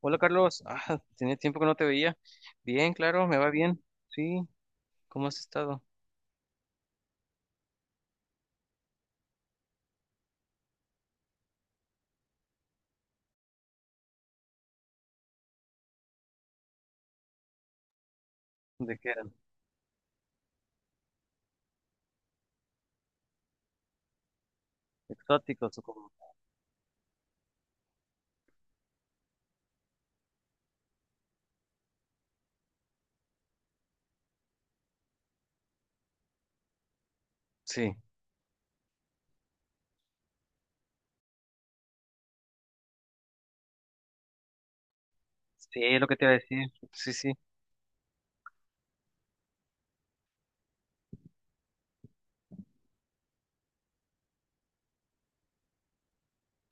Hola Carlos, tenía tiempo que no te veía. Bien, claro, me va bien. Sí, ¿cómo has estado? ¿De qué eran? ¿Exóticos o cómo? Sí, sí, es lo que te iba a decir. Sí, sí,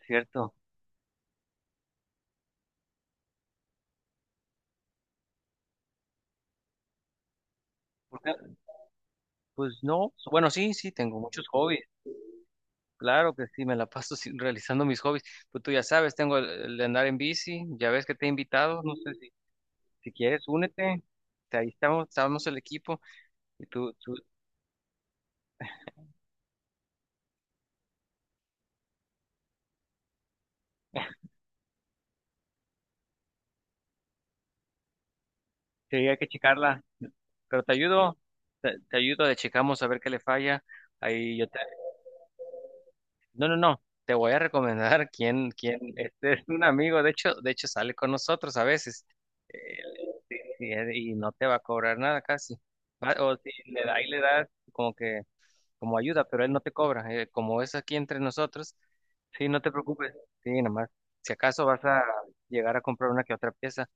cierto. ¿Por qué? Pues no, bueno, sí, sí, tengo muchos hobbies. Claro que sí, me la paso realizando mis hobbies. Pues tú ya sabes, tengo el de andar en bici, ya ves que te he invitado, no sé si, si quieres, únete. Ahí estamos el equipo y tú, sí, hay que checarla, pero te ayudo, te ayudo, le checamos a ver qué le falla. Ahí yo te No, no, no. Te voy a recomendar quién, este es un amigo, de hecho sale con nosotros a veces. Eh, sí, sí, y no te va a cobrar nada casi. O si le da y le da como que, como ayuda, pero él no te cobra. Como es aquí entre nosotros, sí, no te preocupes. Sí, nomás. Si acaso vas a llegar a comprar una que otra pieza.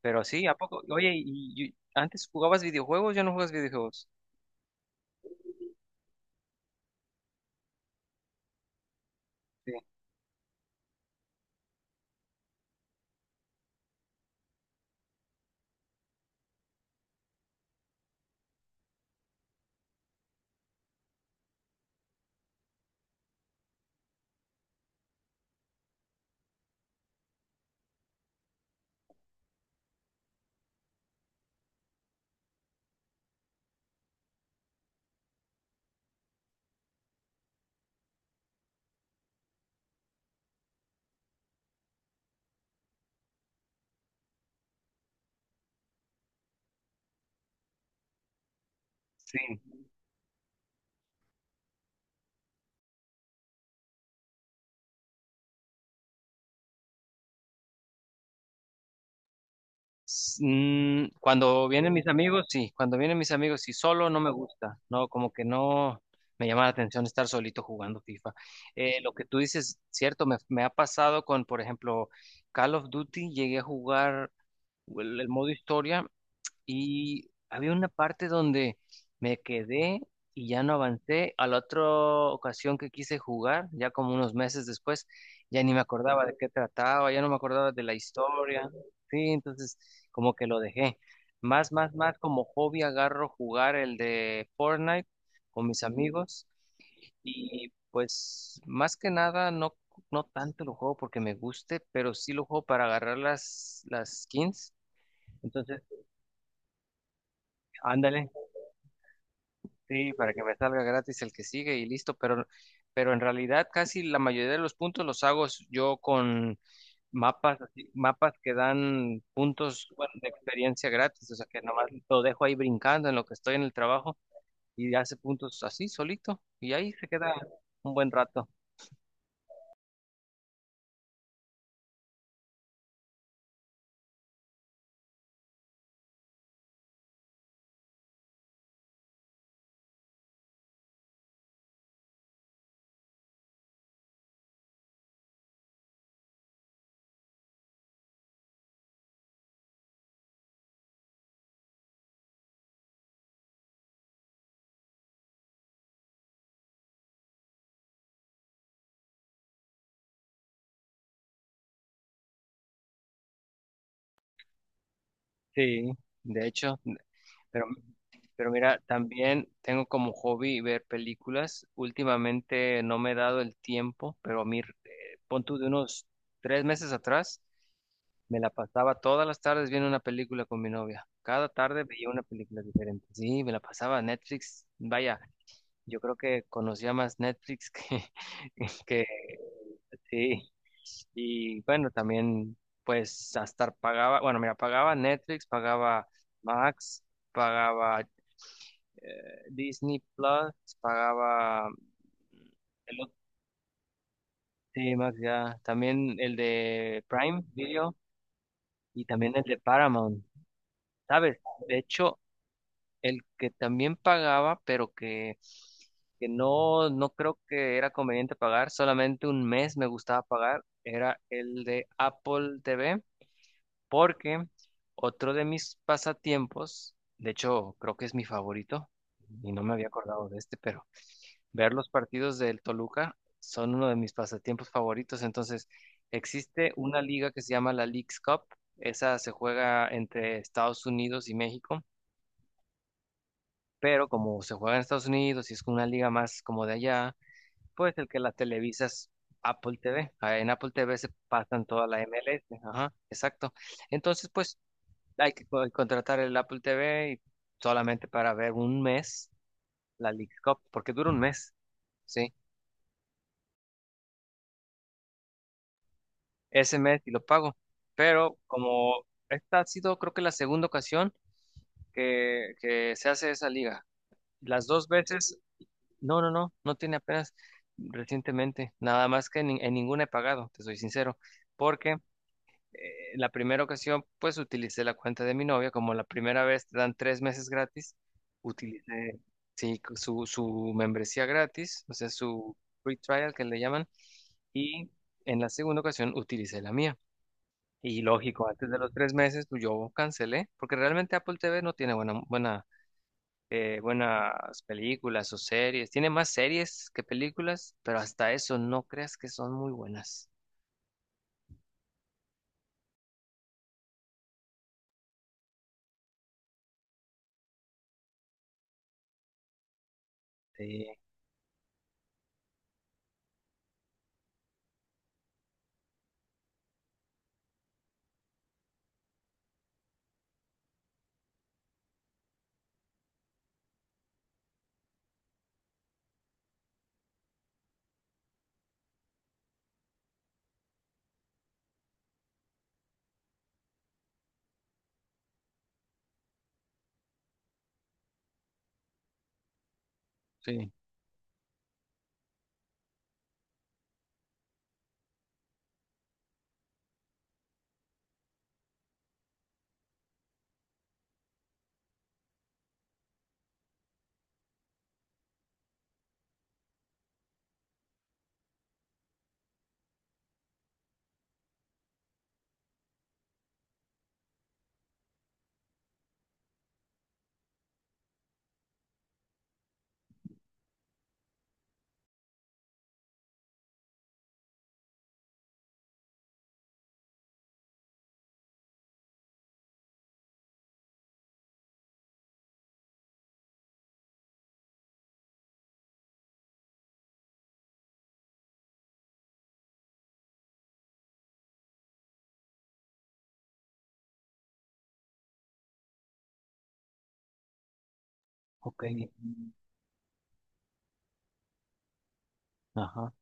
Pero sí, ¿a poco? Oye, ¿ antes jugabas videojuegos? ¿Ya no juegas videojuegos? Sí, sí. Cuando vienen mis amigos, sí, cuando vienen mis amigos, sí, solo no me gusta, no, como que no me llama la atención estar solito jugando FIFA. Lo que tú dices, cierto, me ha pasado con, por ejemplo, Call of Duty, llegué a jugar el modo historia y había una parte donde me quedé y ya no avancé. A la otra ocasión que quise jugar, ya como unos meses después, ya ni me acordaba de qué trataba, ya no me acordaba de la historia. Sí, entonces como que lo dejé. Más como hobby agarro jugar el de Fortnite con mis amigos y pues más que nada no, no tanto lo juego porque me guste, pero sí lo juego para agarrar las skins. Entonces, ándale. Sí, para que me salga gratis el que sigue y listo, pero en realidad casi la mayoría de los puntos los hago yo con mapas, mapas que dan puntos, bueno, de experiencia gratis, o sea que nomás lo dejo ahí brincando en lo que estoy en el trabajo y hace puntos así solito y ahí se queda un buen rato. Sí, de hecho. Pero, pero mira, también tengo como hobby ver películas. Últimamente no me he dado el tiempo, pero a mí, pon tú de unos 3 meses atrás, me la pasaba todas las tardes viendo una película con mi novia. Cada tarde veía una película diferente. Sí, me la pasaba Netflix. Vaya, yo creo que conocía más Netflix que, que Sí. Y bueno, también pues hasta pagaba, bueno, mira, pagaba Netflix, pagaba Max, pagaba Disney Plus, pagaba el otro, sí, Max ya, también el de Prime Video y también el de Paramount, ¿sabes? De hecho, el que también pagaba, pero que no creo que era conveniente pagar, solamente un mes me gustaba pagar, era el de Apple TV. Porque otro de mis pasatiempos, de hecho creo que es mi favorito, y no me había acordado de este, pero ver los partidos del Toluca son uno de mis pasatiempos favoritos. Entonces, existe una liga que se llama la Leagues Cup, esa se juega entre Estados Unidos y México, pero como se juega en Estados Unidos y es una liga más como de allá, pues el que la televisa es Apple TV. Ah, en Apple TV se pasan toda la MLS, ajá, exacto. Entonces, pues hay que contratar el Apple TV y solamente para ver un mes la Leagues Cup, porque dura un mes, ¿sí? Ese mes y lo pago. Pero como esta ha sido, creo que la segunda ocasión que se hace esa liga. Las dos veces, no, no, no, no tiene apenas recientemente. Nada más que en ninguna he pagado, te soy sincero, porque la primera ocasión, pues utilicé la cuenta de mi novia, como la primera vez te dan 3 meses gratis, utilicé, sí, su membresía gratis, o sea, su free trial que le llaman, y en la segunda ocasión utilicé la mía. Y lógico, antes de los 3 meses, pues yo cancelé, porque realmente Apple TV no tiene buenas películas o series, tiene más series que películas, pero hasta eso no creas que son muy buenas. Sí, sí, ok. Ajá.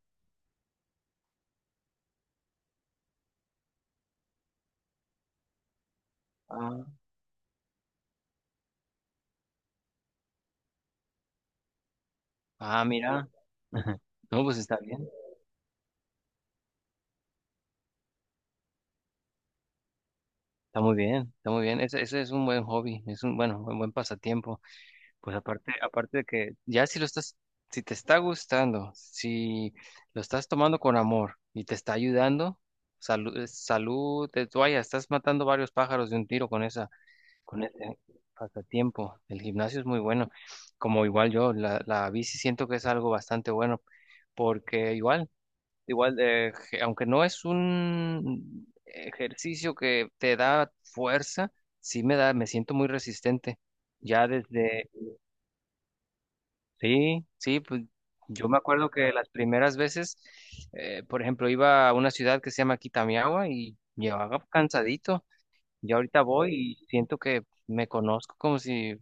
Ah, ah, mira. No, pues está bien, está muy bien, está muy bien. Ese es un buen hobby, es un, bueno, un buen pasatiempo. Pues aparte de que ya si lo estás, si te está gustando, si lo estás tomando con amor y te está ayudando, salud, es salud, de toalla, estás matando varios pájaros de un tiro con esa, con ese pasatiempo. El gimnasio es muy bueno. Como igual yo, la bici siento que es algo bastante bueno, porque aunque no es un ejercicio que te da fuerza, sí me da, me siento muy resistente. Ya desde, sí, sí, pues yo me acuerdo que las primeras veces, por ejemplo, iba a una ciudad que se llama Kitamiawa y llevaba cansadito. Yo ahorita voy y siento que me conozco como si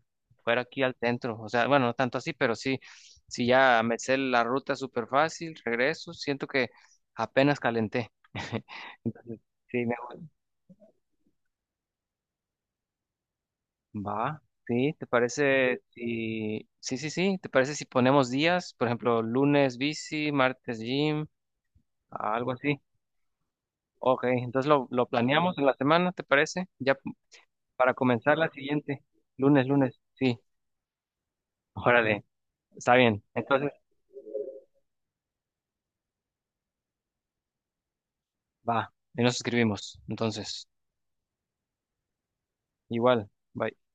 fuera aquí al centro. O sea, bueno, no tanto así, pero sí, sí ya me sé la ruta súper fácil, regreso, siento que apenas calenté. Entonces, sí, me va. Sí, ¿te parece si... Sí, sí, sí, ¿te parece si ponemos días? Por ejemplo, lunes bici, martes gym, algo así. Ok, entonces lo planeamos en la semana, ¿te parece? Ya para comenzar la siguiente. Lunes, lunes, sí. Órale. Está bien. Entonces, va. Y nos escribimos. Entonces, igual. Bye.